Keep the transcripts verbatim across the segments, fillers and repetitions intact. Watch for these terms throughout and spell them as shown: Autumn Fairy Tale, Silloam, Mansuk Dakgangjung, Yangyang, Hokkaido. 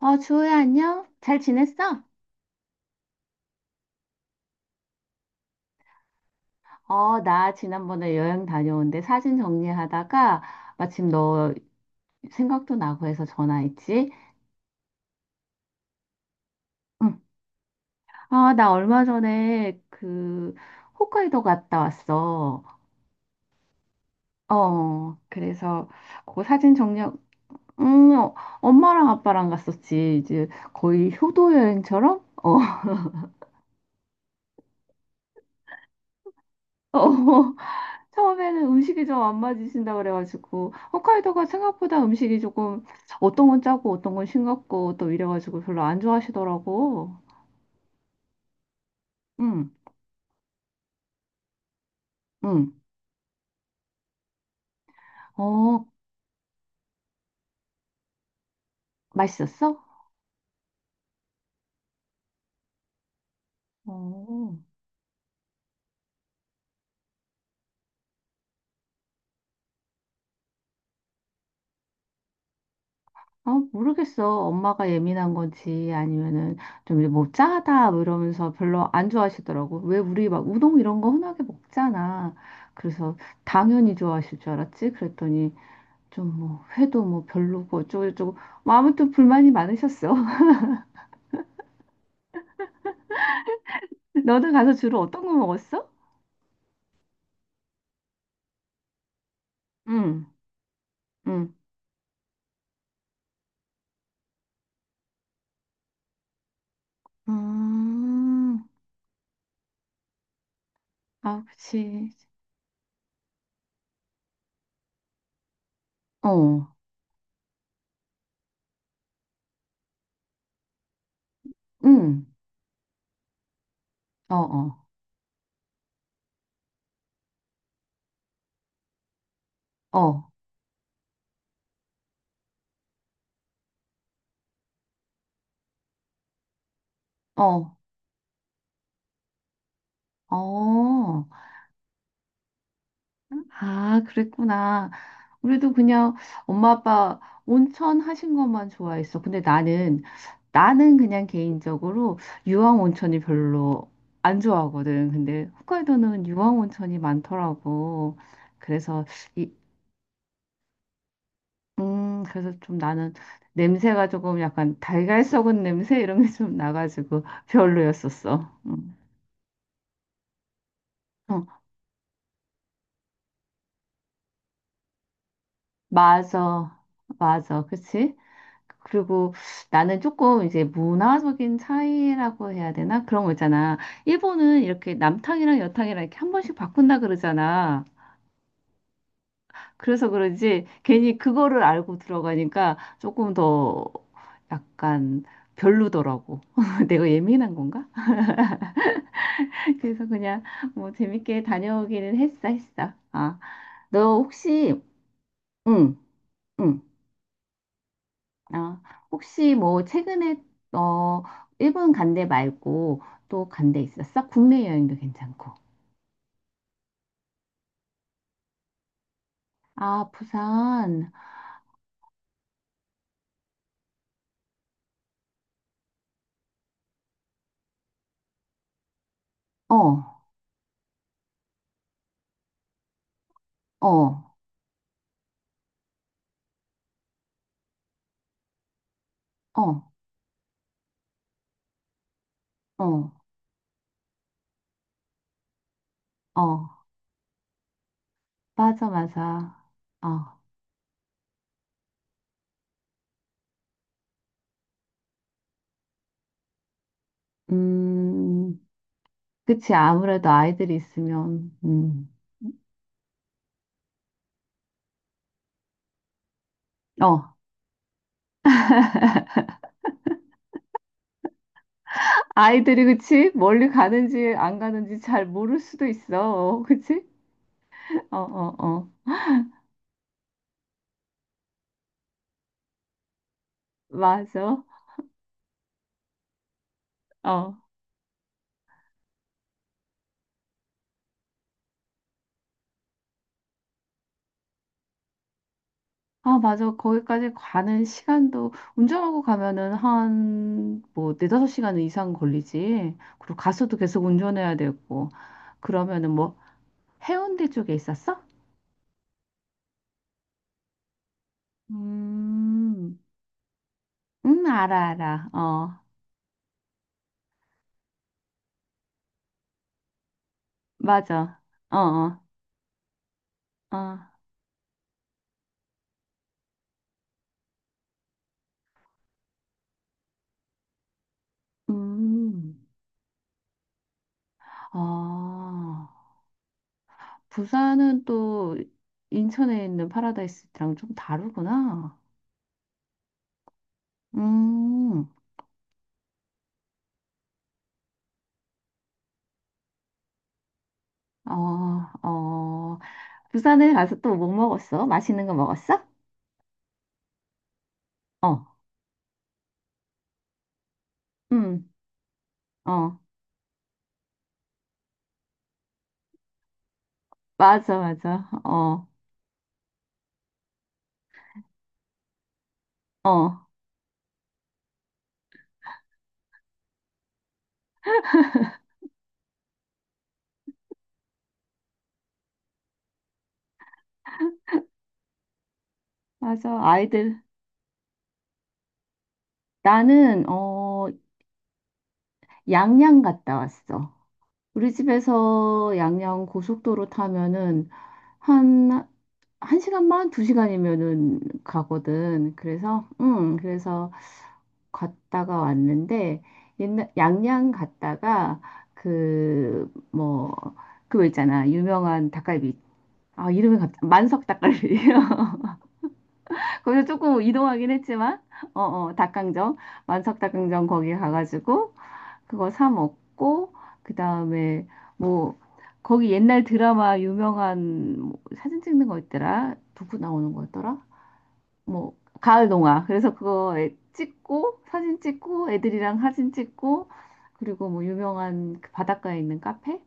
어, 주호야, 안녕? 잘 지냈어? 어, 나 지난번에 여행 다녀온데 사진 정리하다가 마침 너 생각도 나고 해서 전화했지? 응. 아, 나 얼마 전에 그 홋카이도 갔다 왔어. 어, 그래서 그 사진 정리, 응, 어, 엄마랑 아빠랑 갔었지. 이제 거의 효도 여행처럼? 어, 어. 처음에는 음식이 좀 안 맞으신다 그래가지고 홋카이도가 생각보다 음식이 조금 어떤 건 짜고 어떤 건 싱겁고 또 이래가지고 별로 안 좋아하시더라고. 응, 응. 어, 맛있었어? 어, 아, 모르겠어. 엄마가 예민한 건지 아니면은 좀 뭐 짜다 뭐 이러면서 별로 안 좋아하시더라고. 왜 우리 막 우동 이런 거 흔하게 먹잖아. 그래서 당연히 좋아하실 줄 알았지. 그랬더니 좀 뭐 회도 뭐 별로고 어쩌고저쩌고 뭐 아무튼 불만이 많으셨어. 너는 가서 주로 어떤 거 먹었어? 응, 응. 음, 아, 그치. 어, 응. 어, 어, 어, 어, 어. 아, 그랬구나. 우리도 그냥 엄마 아빠 온천 하신 것만 좋아했어. 근데 나는, 나는 그냥 개인적으로 유황 온천이 별로 안 좋아하거든. 근데 홋카이도는 유황 온천이 많더라고. 그래서 이, 음, 그래서 좀 나는 냄새가 조금 약간 달걀 썩은 냄새 이런 게 좀 나가지고 별로였었어. 음. 어, 맞아. 맞아. 그치? 그리고 나는 조금 이제 문화적인 차이라고 해야 되나? 그런 거 있잖아. 일본은 이렇게 남탕이랑 여탕이랑 이렇게 한 번씩 바꾼다 그러잖아. 그래서 그런지 괜히 그거를 알고 들어가니까 조금 더 약간 별로더라고. 내가 예민한 건가? 그래서 그냥 뭐 재밌게 다녀오기는 했어, 했어. 아, 너 혹시, 응, 응, 아, 혹시 뭐 최근에, 어, 일본 간데 말고 또 간데 있었어? 국내 여행도 괜찮고. 아, 부산, 어, 어, 어, 어, 어, 맞아, 맞아. 어, 음, 그치. 아무래도 아이들이 있으면, 음, 어. 아이들이 그치? 멀리 가는지 안 가는지 잘 모를 수도 있어. 그치? 어, 어, 어. 맞아. 어. 아, 맞아. 거기까지 가는 시간도 운전하고 가면은 한 뭐 네다섯 시간 이상 걸리지. 그리고 가서도 계속 운전해야 되고. 그러면은 뭐 해운대 쪽에 있었어? 음. 음, 알아, 알아. 어. 맞아. 어, 어. 어. 음. 아. 부산은 또 인천에 있는 파라다이스랑 좀 다르구나. 음. 어, 어, 부산에 가서 또 뭐 먹었어? 맛있는 거 먹었어? 어, 음, 어, 맞아, 맞아, 어, 어, 맞아, 아이들. 나는, 어, 양양 갔다 왔어. 우리 집에서 양양 고속도로 타면은 한, 한 시간만, 두 시간이면은 가거든. 그래서, 음, 그래서 갔다가 왔는데 옛날 양양 갔다가 그 뭐 그거 있잖아 유명한 닭갈비 아 이름이 갑자기 만석 닭갈비예요. 거기서 조금 이동하긴 했지만 어어 닭강정 만석 닭강정 거기 가가지고 그거 사 먹고 그 다음에 뭐 거기 옛날 드라마 유명한 뭐 사진 찍는 거 있더라 누구 나오는 거였더라 뭐 가을 동화. 그래서 그거 애- 찍고 사진 찍고 애들이랑 사진 찍고 그리고 뭐 유명한 그 바닷가에 있는 카페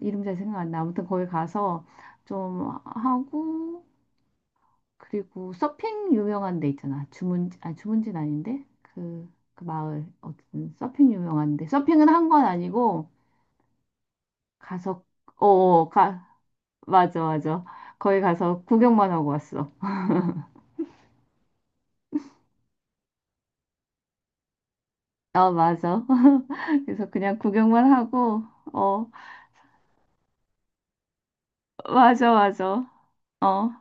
이름 잘 생각 안 나. 아무튼 거기 가서 좀 하고 그리고 서핑 유명한 데 있잖아. 주문지 아니 주문지는 아닌데 그, 그 마을 어쨌든 서핑 유명한데 서핑은 한 건 아니고 가서 어, 어, 가 맞아 맞아. 거기 가서 구경만 하고 왔어. 아 맞아. 그래서 그냥 구경만 하고 어. 맞아, 맞아. 어,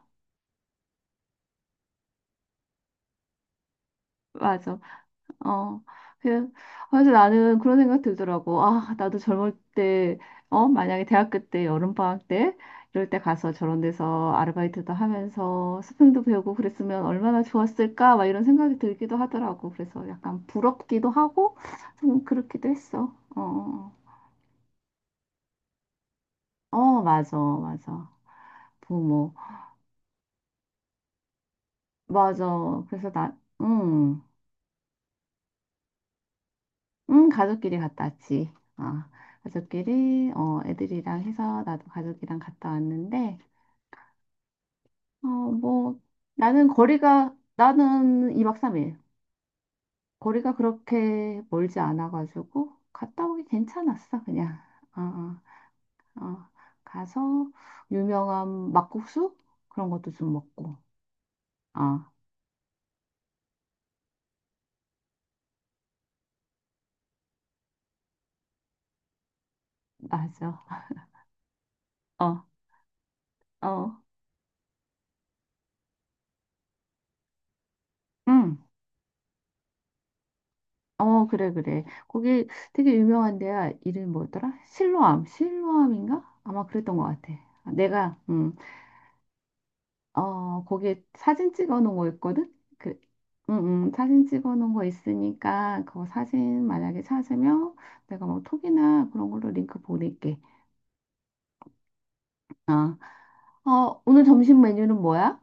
맞아. 어. 그, 그래서 나는 그런 생각 들더라고. 아, 나도 젊을 때, 어, 만약에 대학교 때, 여름방학 때, 이럴 때 가서 저런 데서 아르바이트도 하면서 스승도 배우고 그랬으면 얼마나 좋았을까? 막 이런 생각이 들기도 하더라고. 그래서 약간 부럽기도 하고, 좀 그렇기도 했어. 어, 어, 맞아, 맞아. 부모. 맞아. 그래서 나, 음. 응, 가족끼리 갔다 왔지. 어, 가족끼리, 어, 애들이랑 해서 나도 가족이랑 갔다 왔는데, 어, 뭐, 나는 거리가, 나는 이 박 삼 일. 거리가 그렇게 멀지 않아가지고, 갔다 오기 괜찮았어, 그냥. 어, 어, 어. 가서, 유명한 막국수? 그런 것도 좀 먹고. 어, 맞아. 어, 어. 응. 어, 그래, 그래. 거기 되게 유명한 데야. 이름이 뭐였더라? 실로암. 실로암인가? 아마 그랬던 것 같아. 아, 내가, 음, 어, 거기에 사진 찍어 놓은 거 있거든? 그, 음, 음, 사진 찍어 놓은 거 있으니까, 그거 사진 만약에 찾으면 내가 뭐 톡이나 그런 걸로 링크 보낼게. 아, 어, 오늘 점심 메뉴는 뭐야?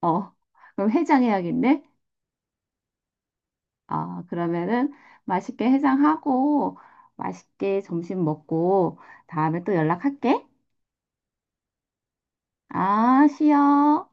어, 그럼 해장해야겠네? 아, 그러면은 맛있게 해장하고, 맛있게 점심 먹고, 다음에 또 연락할게. 아, 쉬어.